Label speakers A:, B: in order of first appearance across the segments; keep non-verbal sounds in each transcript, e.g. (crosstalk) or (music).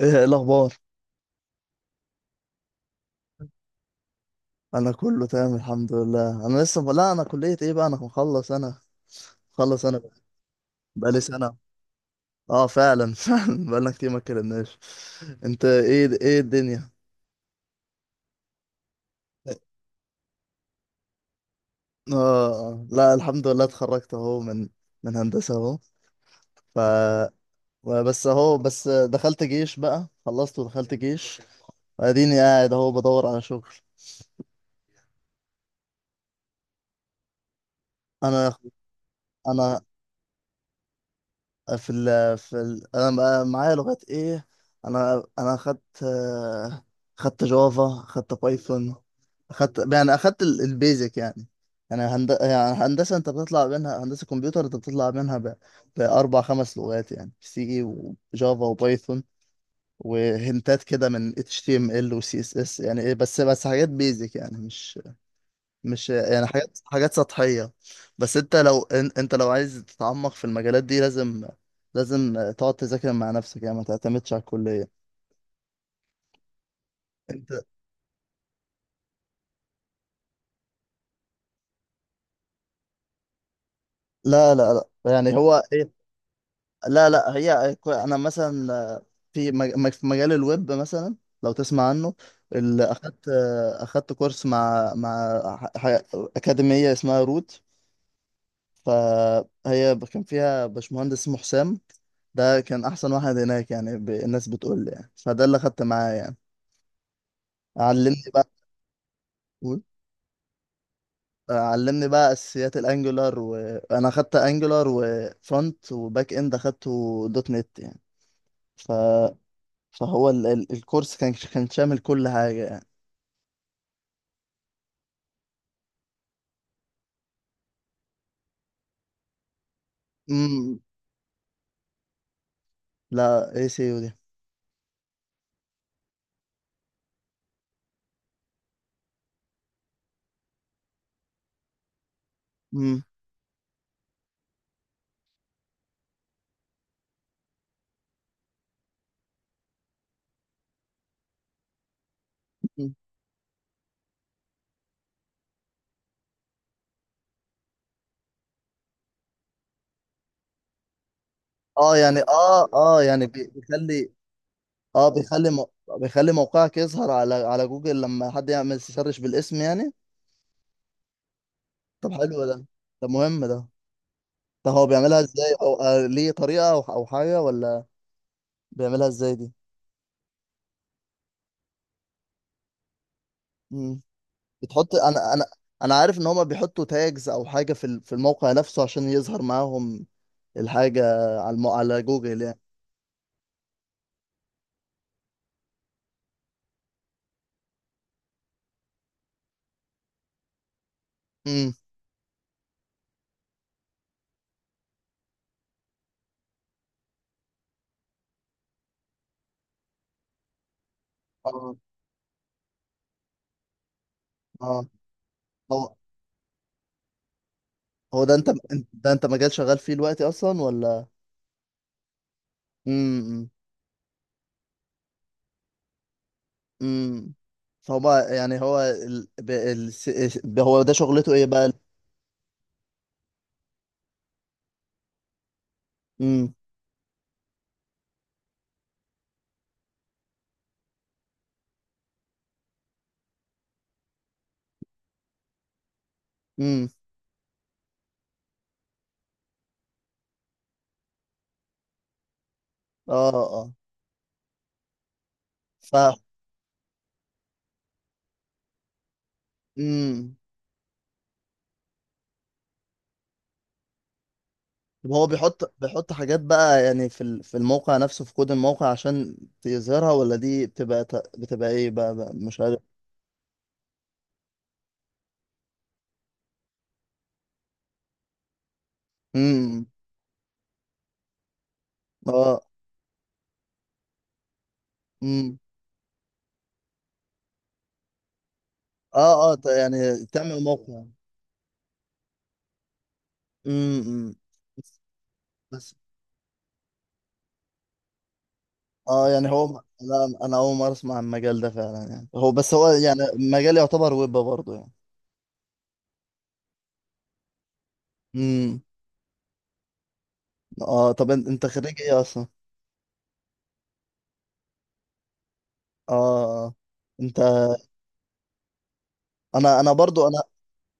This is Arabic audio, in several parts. A: ايه الاخبار؟ انا كله تمام الحمد لله. انا لسه لا انا كليه ايه بقى، انا مخلص، انا مخلص، بقى لي سنه. اه فعلا (laughs) فعلا بقالنا كتير ما اتكلمناش. انت ايه، ايه الدنيا؟ اه. آه. لا الحمد لله، اتخرجت اهو من هندسه اهو. ف بس اهو، بس دخلت جيش بقى، خلصت ودخلت جيش، واديني قاعد اهو بدور على شغل. انا انا في ال في ال انا بقى معايا لغات ايه. انا خدت خدت جافا، خدت بايثون، خدت يعني اخدت البيزك يعني. يعني هندسه انت بتطلع منها، هندسه كمبيوتر انت بتطلع منها باربع خمس لغات، يعني سي وجافا وبايثون وهنتات كده من اتش تي ام ال وسي اس اس. يعني ايه، بس بس حاجات بيزك يعني، مش حاجات، حاجات سطحية. بس انت لو انت لو عايز تتعمق في المجالات دي لازم، تقعد تذاكر مع نفسك، يعني ما تعتمدش على الكلية. انت لا لا لا. يعني هو ايه، لا لا. انا مثلا في مجال الويب مثلا، لو تسمع عنه، اللي اخدت اخدت كورس مع ح- ح- اكاديمية اسمها روت. فهي كان فيها باشمهندس اسمه حسام، ده كان احسن واحد هناك يعني. الناس بتقول لي يعني، فده اللي خدت معاه يعني. علمني بقى. قول. علمني بقى اساسيات الانجولار. وانا خدت انجولار وفرونت وباك اند، اخدته دوت نت يعني. ف... فهو الكورس كان، كان شامل كل حاجه يعني. امم. لا اي سي يو دي. امم. اه يعني، اه اه يعني بيخلي، اه بيخلي موقعك يظهر على على جوجل لما حد يعمل سيرش بالاسم يعني. طب حلو ده، ده مهم ده. طب هو بيعملها ازاي، او ليه طريقة او أو حاجة، ولا بيعملها ازاي دي؟ مم. بتحط انا انا انا عارف ان هما بيحطوا تاجز او حاجة في الموقع نفسه عشان يظهر معاهم الحاجة على جوجل يعني. امم. اه اه. هو، هو ده انت ده انت مجال شغال فيه دلوقتي اصلا ولا؟ امم. امم. فهو يعني، هو ال... ب... ال... س- س- هو ده شغلته ايه بقى؟ امم. امم. اه اه. ف امم. طب هو بيحط، حاجات بقى يعني في الموقع نفسه، في كود الموقع عشان يظهرها، ولا دي بتبقى ايه بقى، بقى مش عارف. امم. اه. امم. اه اه. يعني تعمل موقع. امم. بس بس اه يعني، هو لا انا اول مره اسمع عن المجال ده فعلا يعني. هو بس، هو يعني مجال يعتبر ويب برضه يعني. امم. اه طب انت خريج ايه اصلا؟ اه. آه. انت، انا برضو، انا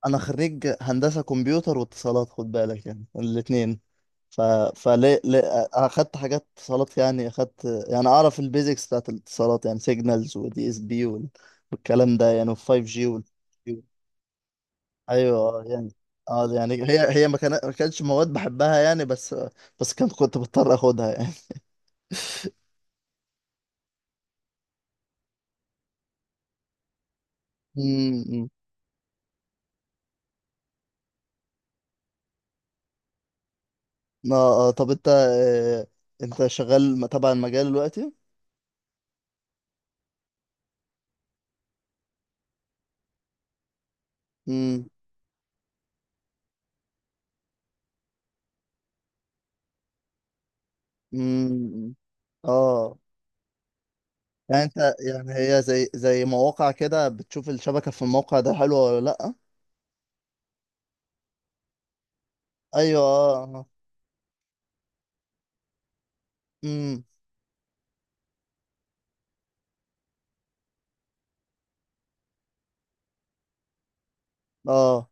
A: انا خريج هندسة كمبيوتر واتصالات، خد بالك يعني، الاتنين. ف فليه، ليه. انا اخدت حاجات اتصالات يعني، اخدت يعني اعرف البيزكس بتاعت الاتصالات يعني، سيجنالز ودي اس بي والكلام ده يعني، وال 5 جي وال، ايوه يعني، اه يعني. هي هي ما كان- ما كانتش مواد بحبها يعني، بس كنت بضطر اخدها يعني. (laughs) اه. آه، طب انت، انت شغال تبع المجال دلوقتي. امم. امم. اه. يعني انت، يعني هي زي، مواقع كده بتشوف الشبكة في الموقع ده حلوة ولا لأ. ايوه. اه. امم. اه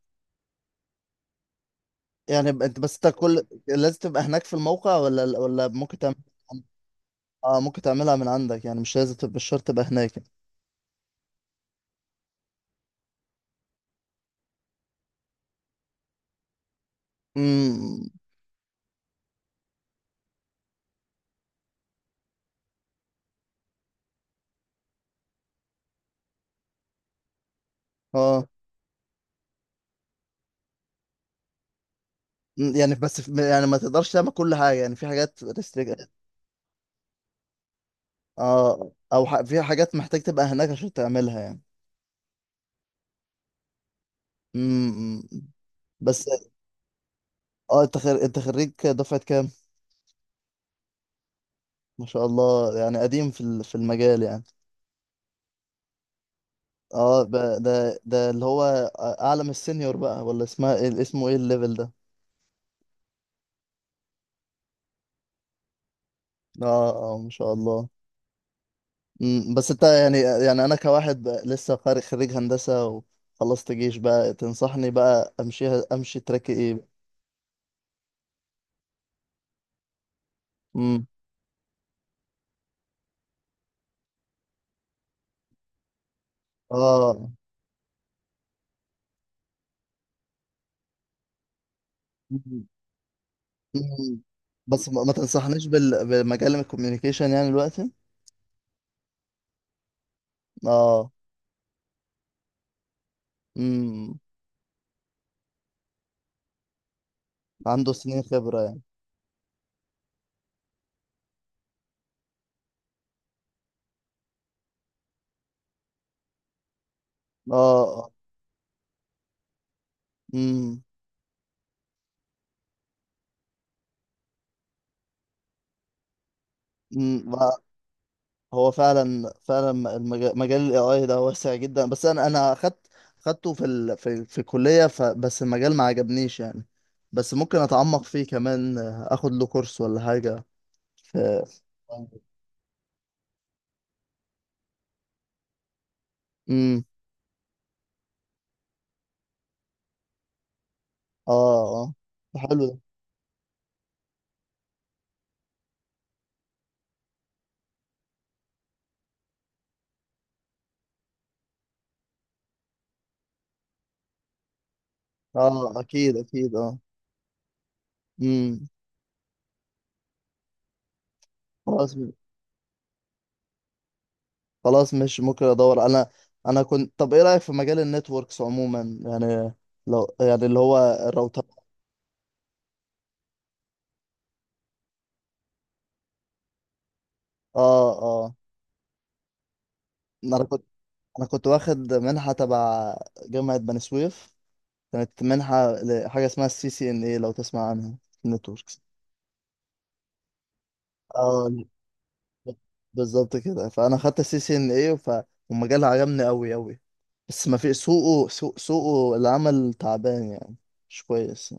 A: يعني، انت كل، لازم تبقى هناك في الموقع ولا، ولا ممكن تعمل. اه ممكن تعملها من عندك يعني، مش لازم تبقى، مش شرط تبقى هناك يعني. امم. اه. أمم، يعني بس يعني ما تقدرش تعمل كل حاجة يعني، في حاجات. اه، او في حاجات محتاج تبقى هناك عشان تعملها يعني. امم. امم. بس اه، انت انت خريج دفعة كام؟ ما شاء الله، يعني قديم في المجال يعني. اه. ده اللي هو اعلى من السينيور بقى، ولا اسمها ايه، اسمه ايه الليفل ده؟ اه اه ما شاء الله. امم. بس انت يعني، يعني انا كواحد بقى لسه خارج خريج هندسة وخلصت جيش بقى، تنصحني بقى امشيها، امشي تراك ايه؟ امم. اه. مم. بس ما ما تنصحنيش بمجال الكوميونيكيشن يعني دلوقتي. اه. امم. عنده سنين خبرة يعني. اه. امم. امم. هو فعلا، فعلا المجال، مجال الاي اي ده واسع جدا. بس انا، اخدت خدته في في الكلية، بس المجال ما عجبنيش يعني. بس ممكن اتعمق فيه كمان، اخد له كورس ولا حاجة. في امم. اه اه حلو ده. اه اكيد اكيد اه. امم. خلاص، خلاص مش ممكن ادور انا. انا كنت طب ايه رايك في مجال النتوركس عموما يعني، لو يعني اللي هو الراوتر. اه اه. انا كنت انا كنت واخد منحه تبع جامعه بني سويف، كانت منحه لحاجه اسمها السي سي ان اي، لو تسمع عنها، النتوركس. اه بالظبط كده. فانا خدت السي سي ان اي، والمجال عجبني قوي قوي. بس ما في سوقه، سوقه العمل تعبان يعني، مش كويس.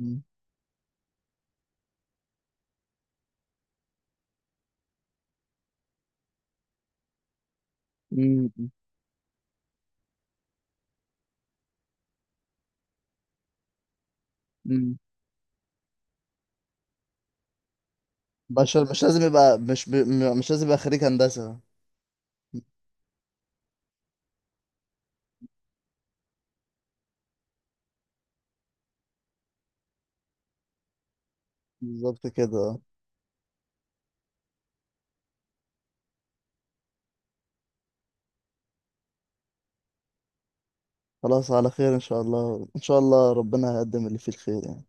A: مم. مم. بشر مش لازم يبقى، مش مش لازم يبقى خريج هندسة. بالظبط كده. خلاص، على خير إن شاء الله، إن شاء الله ربنا هيقدم اللي فيه الخير يعني.